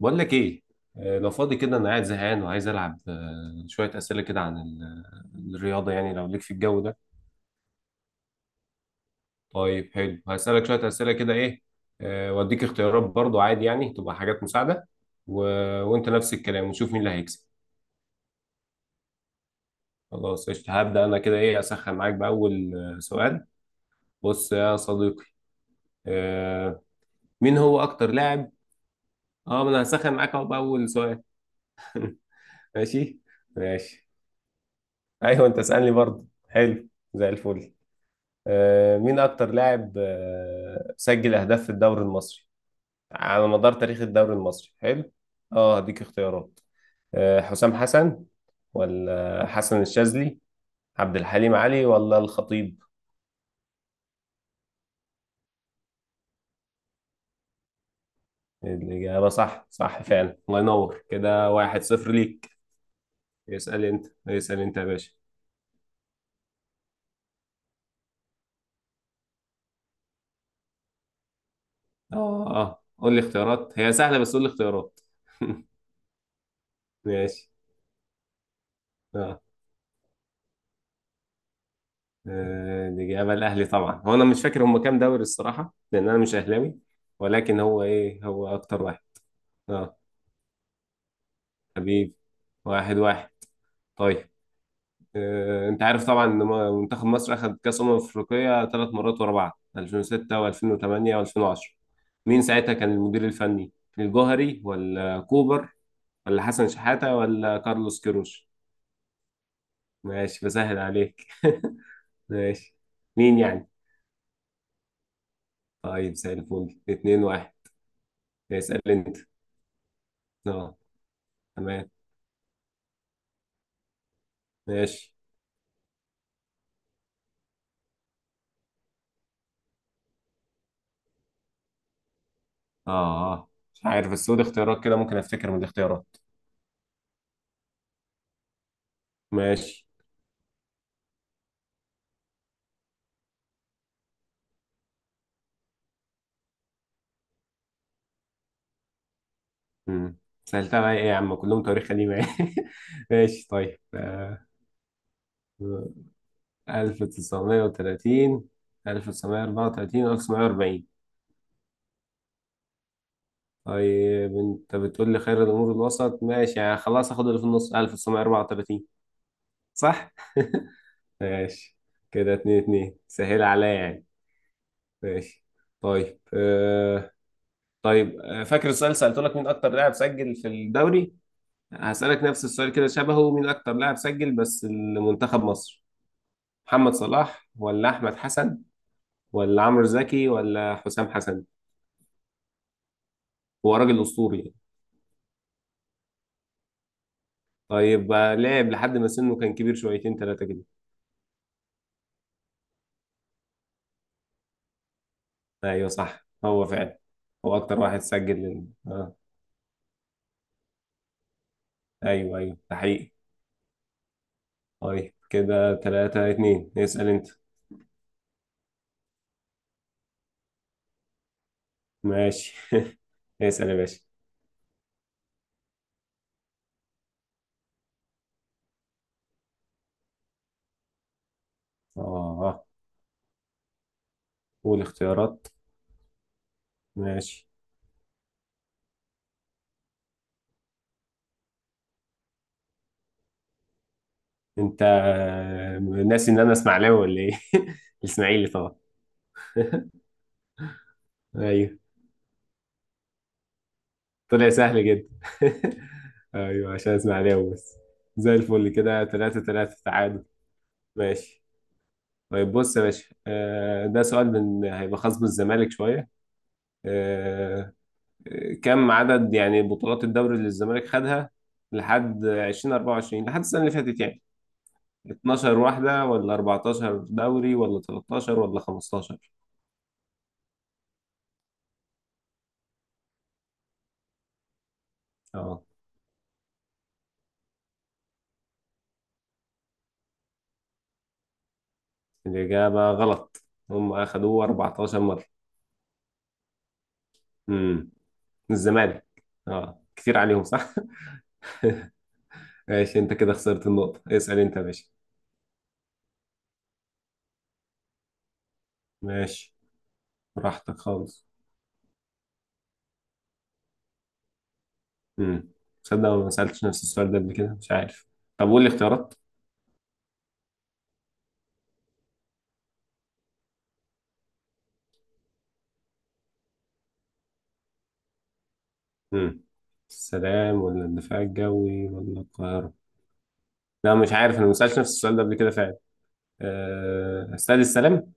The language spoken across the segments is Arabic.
بقول لك ايه. لو فاضي كده انا قاعد زهقان وعايز العب، شويه اسئله كده عن الرياضه يعني، لو ليك في الجو ده. طيب حلو، هسالك شويه اسئله كده، ايه، واديك اختيارات برضو عادي يعني، تبقى حاجات مساعده. و... وانت نفس الكلام، ونشوف مين اللي هيكسب. خلاص قشطة، هبدا انا كده، ايه، اسخن معاك باول سؤال. بص يا صديقي، آه، مين هو اكتر لاعب. اه ما انا هسخن معاك اهو باول سؤال. ماشي. ماشي. ايوه انت اسالني برضو، حلو. زي الفل. مين أكتر لاعب سجل أهداف في الدوري المصري، على مدار تاريخ الدوري المصري، حلو. أه هديك اختيارات. حسام حسن، ولا حسن الشاذلي، عبد الحليم علي، ولا الخطيب؟ الإجابة صح. صح فعلا، الله ينور. كده واحد صفر ليك. اسأل أنت، اسأل أنت يا باشا. أه أه، قول لي اختيارات، هي سهلة بس قول لي اختيارات. ماشي. آه. الإجابة الأهلي طبعا، هو أنا مش فاكر هم كام دوري الصراحة، لأن أنا مش أهلاوي. ولكن هو إيه، هو أكتر واحد. أه. حبيب. واحد واحد. طيب، أنت عارف طبعا إن منتخب مصر أخد كأس أمم أفريقيا ثلاث مرات ورا بعض، 2006 و2008 و2010. مين ساعتها كان المدير الفني؟ الجوهري ولا كوبر، ولا حسن شحاتة ولا كارلوس كيروش؟ ماشي بسهل عليك. ماشي. مين يعني؟ طيب زي الفل. 2-1. اسأل أنت. اه تمام. ماشي. اه. آه. مش عارف، بس قول اختيارات كده ممكن افتكر من الاختيارات. ماشي. امم سألتها بقى ايه يا عم؟ كلهم تاريخ قديم يعني. ماشي طيب آه. 1930، 1934، 1940. طيب انت بتقول لي خير الامور الوسط، ماشي يعني، خلاص اخد اللي في النص 1934. صح. ماشي، كده اتنين اتنين، سهل عليا يعني. ماشي. طيب آه. طيب، فاكر السؤال اللي سألته لك، مين أكتر لاعب سجل في الدوري؟ هسألك نفس السؤال كده شبهه، مين أكتر لاعب سجل بس لمنتخب مصر؟ محمد صلاح، ولا أحمد حسن، ولا عمرو زكي، ولا حسام حسن؟ هو راجل أسطوري يعني. طيب، لعب لحد ما سنه كان كبير شويتين ثلاثة كده. أيوه صح، هو فعلا هو أكتر واحد سجل لل... آه. أيوه أيوه، ده حقيقي. طيب كده ثلاثة اتنين، اسأل أنت. ماشي. اسأل يا باشا. آه. قول اختيارات. ماشي. انت ناسي ان انا اسماعيلاوي ولا ايه؟ الاسماعيلي طبعا. ايوه طلع سهل جدا. ايوه عشان اسماعيلاوي بس. زي الفل كده، تلاتة تلاتة، تعادل. ماشي. طيب بص يا باشا، ده سؤال من هيبقى خاص بالزمالك شوية. آه، كم عدد يعني بطولات الدوري اللي الزمالك خدها لحد 2024، لحد السنة اللي فاتت يعني؟ 12 واحدة، ولا 14 دوري، ولا 13، ولا 15؟ الإجابة غلط. هم أخدوه 14 مرة. امم. الزمالك. اه كتير عليهم صح. ماشي، أنت كده خسرت النقطة، اسأل أنت يا باشا. ماشي براحتك خالص. امم. تصدق أنا ما سألتش نفس السؤال ده قبل كده، مش عارف. طب قول لي اختيارات. امم. السلام، ولا الدفاع الجوي، ولا القاهرة؟ لا مش عارف، أنا ما سألتش نفس السؤال ده قبل كده فعلا. استاد السلام.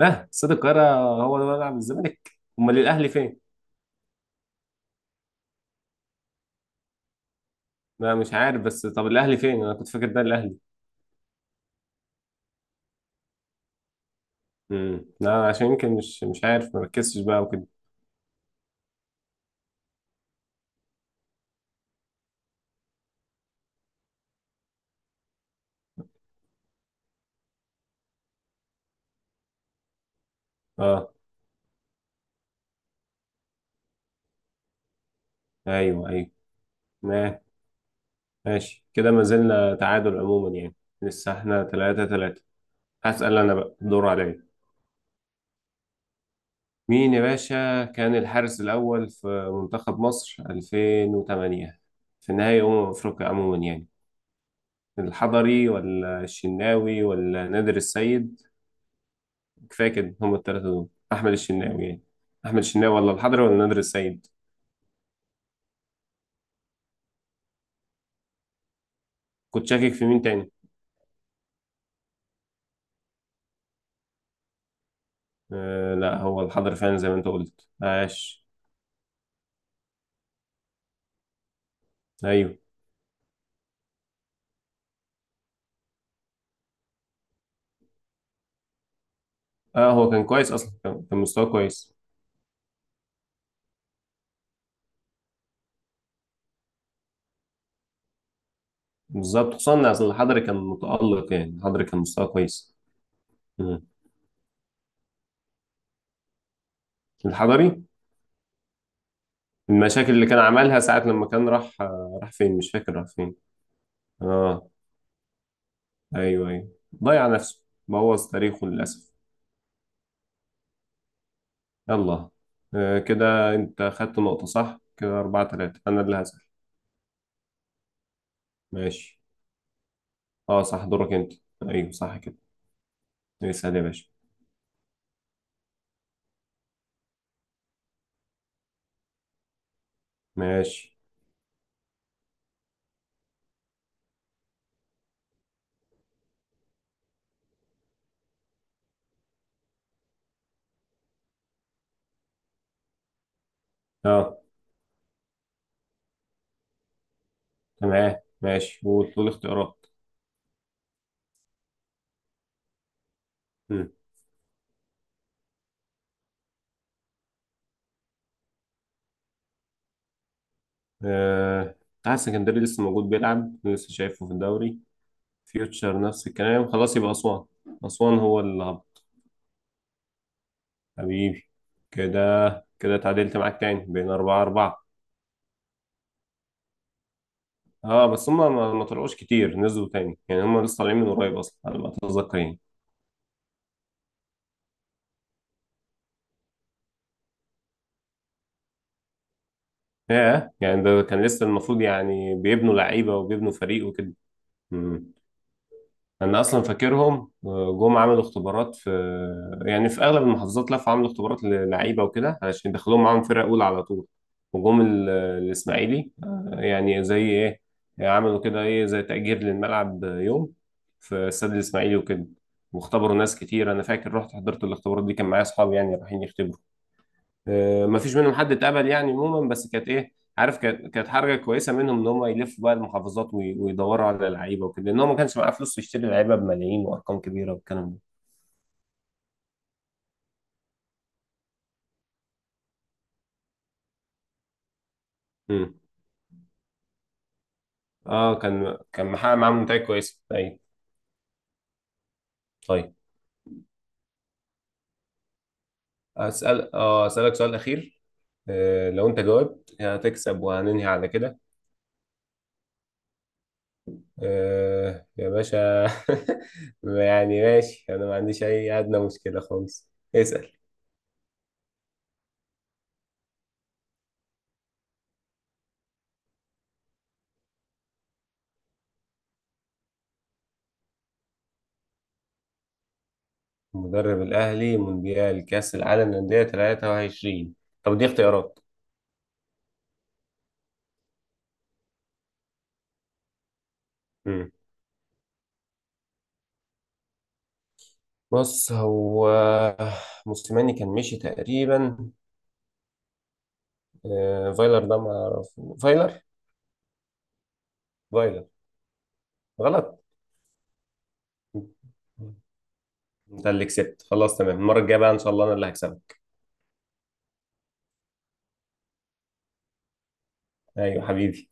اه، استاد القاهرة هو اللي بيلعب الزمالك؟ أمال الأهلي فين؟ ما مش عارف، بس طب الاهلي فين؟ انا كنت فاكر ده الاهلي. امم، لا عشان يمكن مش عارف، مركزتش بقى وكده. اه. ايوه ايوه. ما- ماشي، كده ما زلنا تعادل عموما يعني، لسه احنا تلاتة تلاتة. هسأل انا بقى، الدور عليا. مين يا باشا كان الحارس الأول في منتخب مصر 2008، في نهائي أمم أفريقيا عموما يعني؟ الحضري، ولا الشناوي، ولا نادر السيد؟ كفاية كده، هم التلاتة دول. أحمد الشناوي يعني، أحمد الشناوي، ولا الحضري، ولا نادر السيد؟ كنت شاكك في مين تاني؟ آه لا، هو الحضر فعلا زي ما انت قلت، عاش. ايوه اه، هو كان كويس اصلا، كان مستواه كويس. بالظبط، خصوصا إن اصل الحضري كان متألق يعني، الحضري كان مستواه كويس. مم. الحضري. المشاكل اللي كان عملها ساعة لما كان راح، آه راح فين؟ مش فاكر راح فين. اه ايوه ايوه، ضيع نفسه، بوظ تاريخه للأسف. يلا. آه كده انت خدت نقطة صح، كده أربعة تلاتة، أنا اللي هسأل. ماشي. اه صح دورك انت. ايوه صح كده. اسأل يا باشا. ماشي. اه تمام. ماشي، وطول اختيارات. مم. آه... اتحاد السكندري لسه موجود بيلعب، لسه شايفه في الدوري. فيوتشر نفس الكلام، خلاص يبقى أسوان. أسوان هو اللي هبط. حبيبي. كده، كده اتعادلت معاك تاني، بين أربعة أربعة. اه، بس هما ما طلعوش كتير، نزلوا تاني يعني، هما لسه طالعين من قريب أصلا على ما أتذكر يعني. ياه، يعني ده كان لسه المفروض يعني بيبنوا لعيبة وبيبنوا فريق وكده. مم. انا اصلا فاكرهم جم عملوا اختبارات في، يعني في اغلب المحافظات لفوا عملوا اختبارات للعيبه وكده، علشان يدخلوهم معاهم فرقه اولى على طول. وجم الاسماعيلي، يعني زي ايه، عملوا كده ايه زي تأجير للملعب يوم في استاد الاسماعيلي وكده. واختبروا ناس كتير، انا فاكر رحت حضرت الاختبارات دي، كان معايا اصحابي يعني رايحين يختبروا. ما فيش منهم حد اتقبل يعني عموما، بس كانت ايه عارف، كانت كانت حركه كويسه منهم، ان هم يلفوا بقى المحافظات ويدوروا على لعيبه وكده، لان هو ما كانش معاه فلوس يشتري لعيبه بملايين وارقام كبيره والكلام ده. امم. اه كان محقق معاهم نتائج كويسه، ايوه. طيب اسال، اه اسالك سؤال اخير. آه لو انت جاوبت هتكسب، وهننهي على كده. آه يا باشا. يعني ماشي، انا ما عنديش اي ادنى مشكله خالص، اسال. مدرب الأهلي مونديال كأس العالم للأندية 23. طب دي اختيارات. مم. بص هو موسيماني كان مشي تقريبا. فايلر ده ما أعرف. فايلر. فايلر. غلط. انت اللي كسبت، خلاص تمام. المرة الجاية بقى إن شاء الله أنا اللي هكسبك. أيوة حبيبي.